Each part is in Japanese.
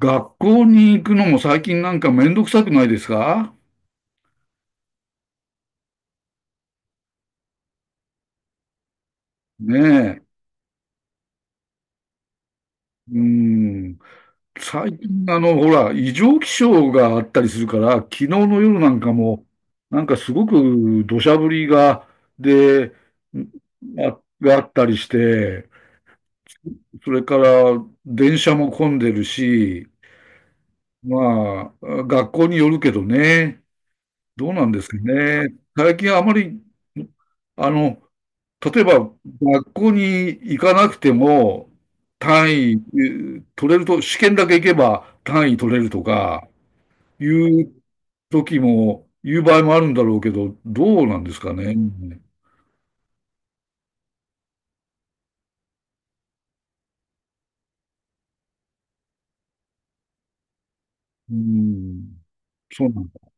学校に行くのも最近なんかめんどくさくないですかねえ。うん。最近、あの、ほら、異常気象があったりするから、昨日の夜なんかも、なんかすごく土砂降りが、で、あ、があったりして、それから電車も混んでるし、まあ、学校によるけどね。どうなんですかね。最近あまり、あの、例えば、学校に行かなくても、単位取れると、試験だけ行けば単位取れるとか、いういう場合もあるんだろうけど、どうなんですかね。うん。そうなんだ。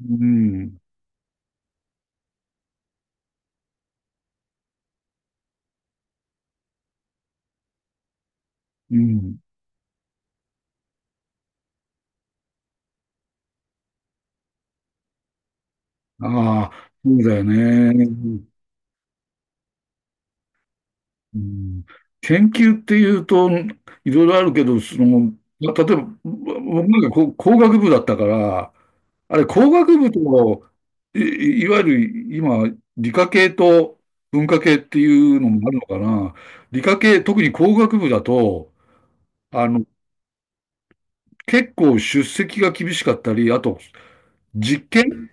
うん。うん。ああ、そうだよね。うん、研究っていうといろいろあるけど、その、例えば、僕なんか工学部だったから、あれ工学部と、いわゆる今、理科系と文化系っていうのもあるのかな。理科系、特に工学部だと、あの、結構出席が厳しかったり、あと、実験、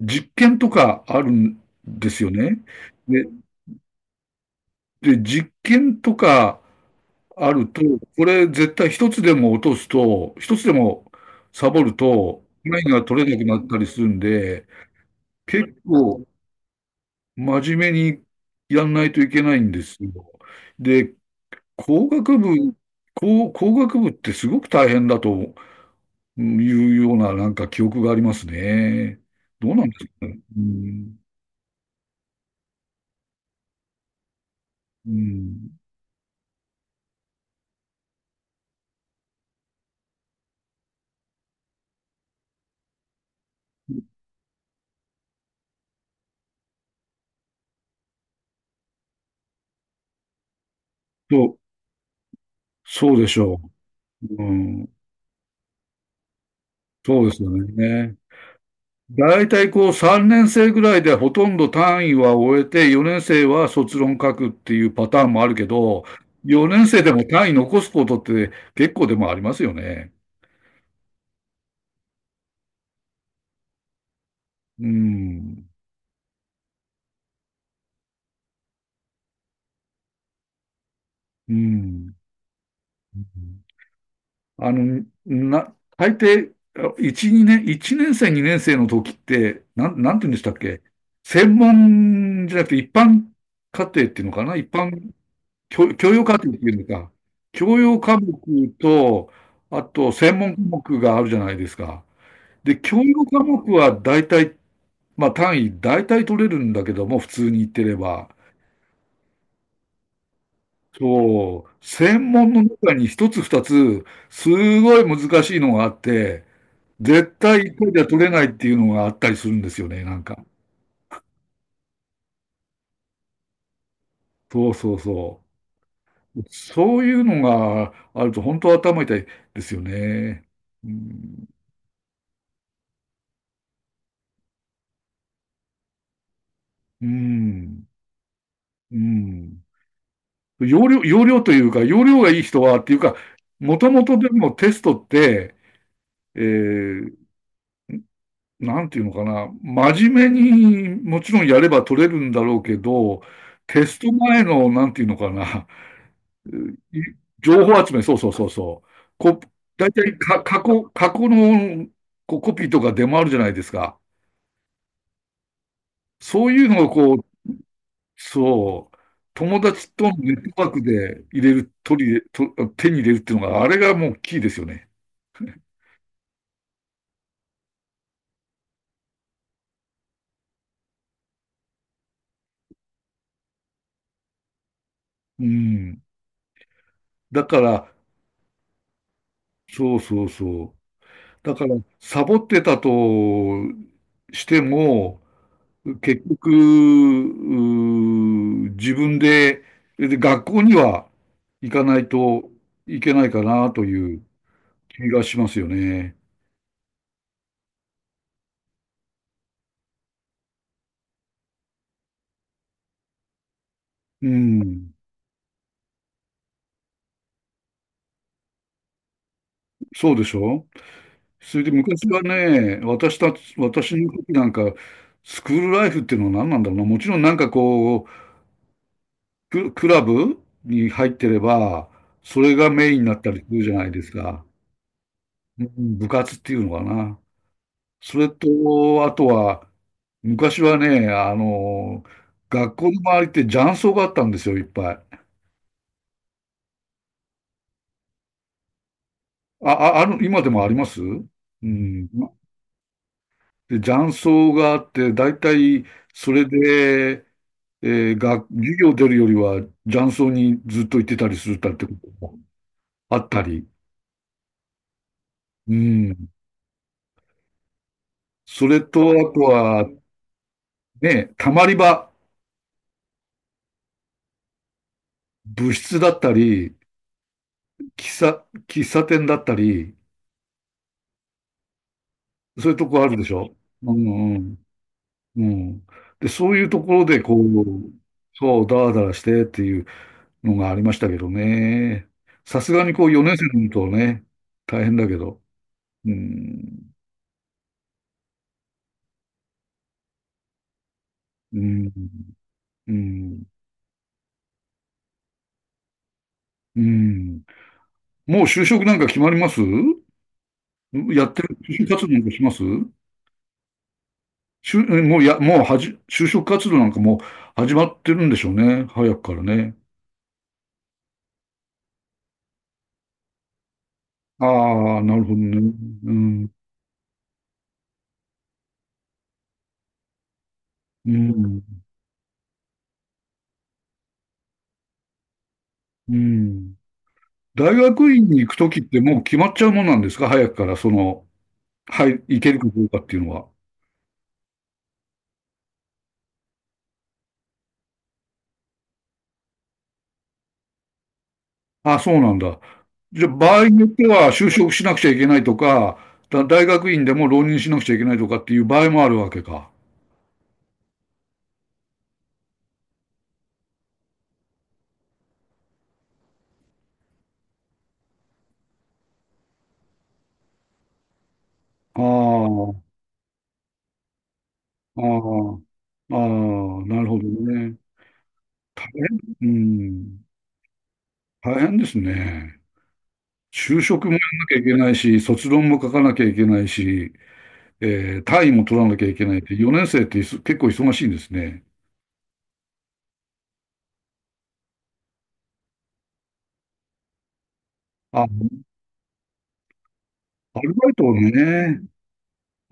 実験とかあるんですよね。で、で、実験とかあると、これ絶対一つでも落とすと、一つでもサボると、ラインが取れなくなったりするんで、結構真面目にやんないといけないんですよ。で、工学部、工学部ってすごく大変だというようななんか記憶がありますね。どうなんですかね。うん、うん、と、そうでしょう。うん、そうですよね。大体こう3年生ぐらいでほとんど単位は終えて、4年生は卒論書くっていうパターンもあるけど、4年生でも単位残すことって結構でもありますよね。うん。うん。あの、大抵、1年生、2年生の時って、なんて言うんでしたっけ。専門じゃなくて一般課程っていうのかな一般教養科目っていうんですか。教養科目と、あと専門科目があるじゃないですか。で、教養科目は大体、まあ単位大体取れるんだけども、普通に言ってれば。そう、専門の中に一つ二つ、すごい難しいのがあって、絶対一回じゃ取れないっていうのがあったりするんですよね、なんか。そうそうそう。そういうのがあると本当頭痛いですよね。うん。うんうん。容量がいい人はっていうか、もともとでもテストって、えー、なんていうのかな、真面目にもちろんやれば取れるんだろうけど、テスト前の、なんていうのかな、い情報集め、そうそうそうそう。こ、大体か、過去、過去のこうコピーとか出回るじゃないですか。そういうのをこう、そう。友達とのネットワークで入れる、取り入れ、と、手に入れるっていうのが、あれがもうキーですよね。うん。だから、そうそうそう。だから、サボってたとしても、結局、自分で、で学校には行かないといけないかなという気がしますよね。うん。そうでしょそれで昔はね、私たち、私の時なんか、スクールライフっていうのは何なんだろうな。もちろんなんかこう、クラブに入ってれば、それがメインになったりするじゃないですか。うん、部活っていうのかな。それと、あとは、昔はね、あの、学校の周りって雀荘があったんですよ、いっぱい。ある、今でもありますうん。で、雀荘があって、だいたいそれで、授業出るよりは雀荘にずっと行ってたりするたってこともあったり、うん。それと、あとは、ね、たまり場、部室だったり、喫茶店だったり、そういうとこあるでしょうんうん。うん。で、そういうところで、こう、そう、ダラダラしてっていうのがありましたけどね。さすがにこう、4年生の人はとね、大変だけど。うん。うん。うん。うん。もう就職なんか決まりますやってる、就職活動なんかします就もうや、もうはじ、就職活動なんかもう始まってるんでしょうね。早くからね。ああ、なるほどね。うん、うん、うん。大学院に行くときってもう決まっちゃうもんなんですか早くから、その、はい、行けるかどうかっていうのは。ああ、そうなんだ。じゃあ、場合によっては就職しなくちゃいけないとか、大学院でも浪人しなくちゃいけないとかっていう場合もあるわけか。ああ、ああ、ああ、なるほどね。大変、うん、大変ですね。就職もやんなきゃいけないし、卒論も書かなきゃいけないし、単位も取らなきゃいけないって、4年生っていそ結構忙しいんですね。あ、アルバイトね。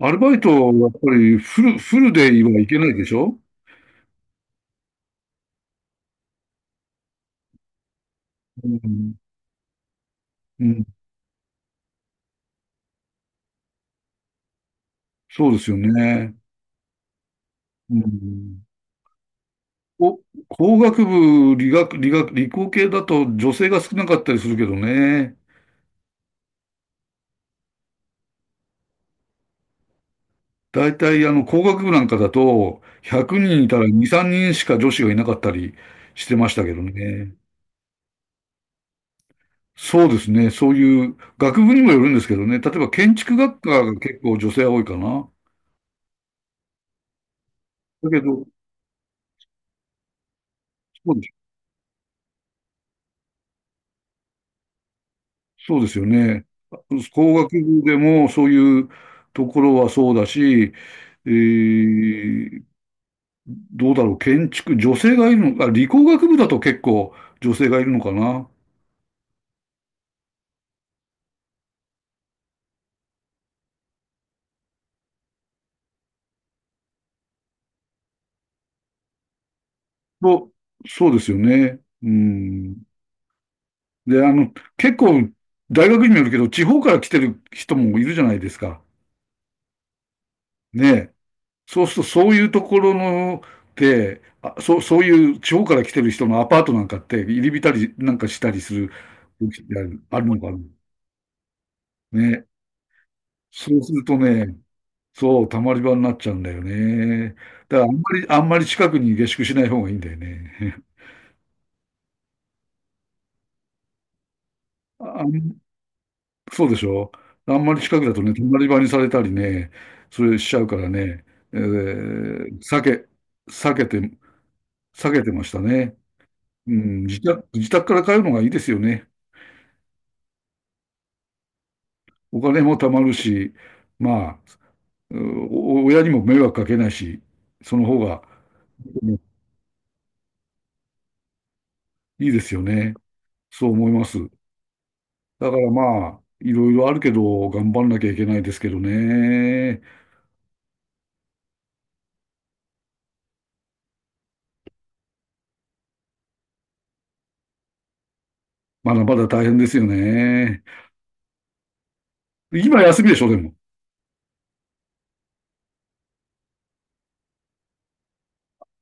アルバイト、やっぱりフルではいけないでしょう。ん、うん、そうですよね。うん、お、工学部、理工系だと女性が少なかったりするけどね。大体、あの、工学部なんかだと、100人いたら2、3人しか女子がいなかったりしてましたけどね。そうですね。そういう、学部にもよるんですけどね。例えば、建築学科が結構女性は多いかな。だけど、そうです、そうですよね。工学部でもそういうところはそうだし、えーどうだろう、建築、女性がいるのか、理工学部だと結構女性がいるのかな。と、そうですよね。うん。で、あの、結構、大学にもよるけど、地方から来てる人もいるじゃないですか。ねえ。そうすると、そういうところの、で、あ、そう、そういう地方から来てる人のアパートなんかって、入り浸りなんかしたりする時ってあるあるのかな。ね。そうするとね、そう、たまり場になっちゃうんだよね。だから、あんまり、あんまり近くに下宿しない方がいいんだよね。あ、そうでしょあんまり近くだとね、隣場にされたりね、それしちゃうからね、えー避け、避けて、避けてましたね。うん、自宅、自宅から通うのがいいですよね。お金も貯まるし、まあ、うん、お親にも迷惑かけないし、その方がうんいいですよね。そう思います。だからまあ、いろいろあるけど、頑張んなきゃいけないですけどね。まだまだ大変ですよね。今休みでしょ、でも。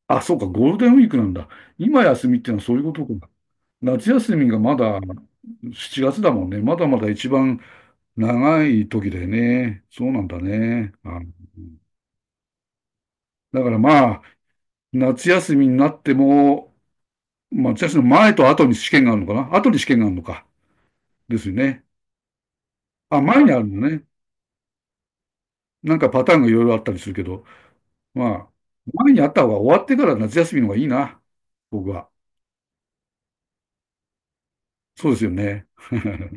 あ、そうか、ゴールデンウィークなんだ。今休みってのはそういうことか。夏休みがまだ7月だもんね。まだまだ一番長い時だよね。そうなんだね。だからまあ、夏休みになっても、まあ夏休みの前と後に試験があるのかな後に試験があるのか。ですよね。あ、前にあるのね。なんかパターンがいろいろあったりするけど、まあ、前にあった方が終わってから夏休みの方がいいな。僕は。そうですよね。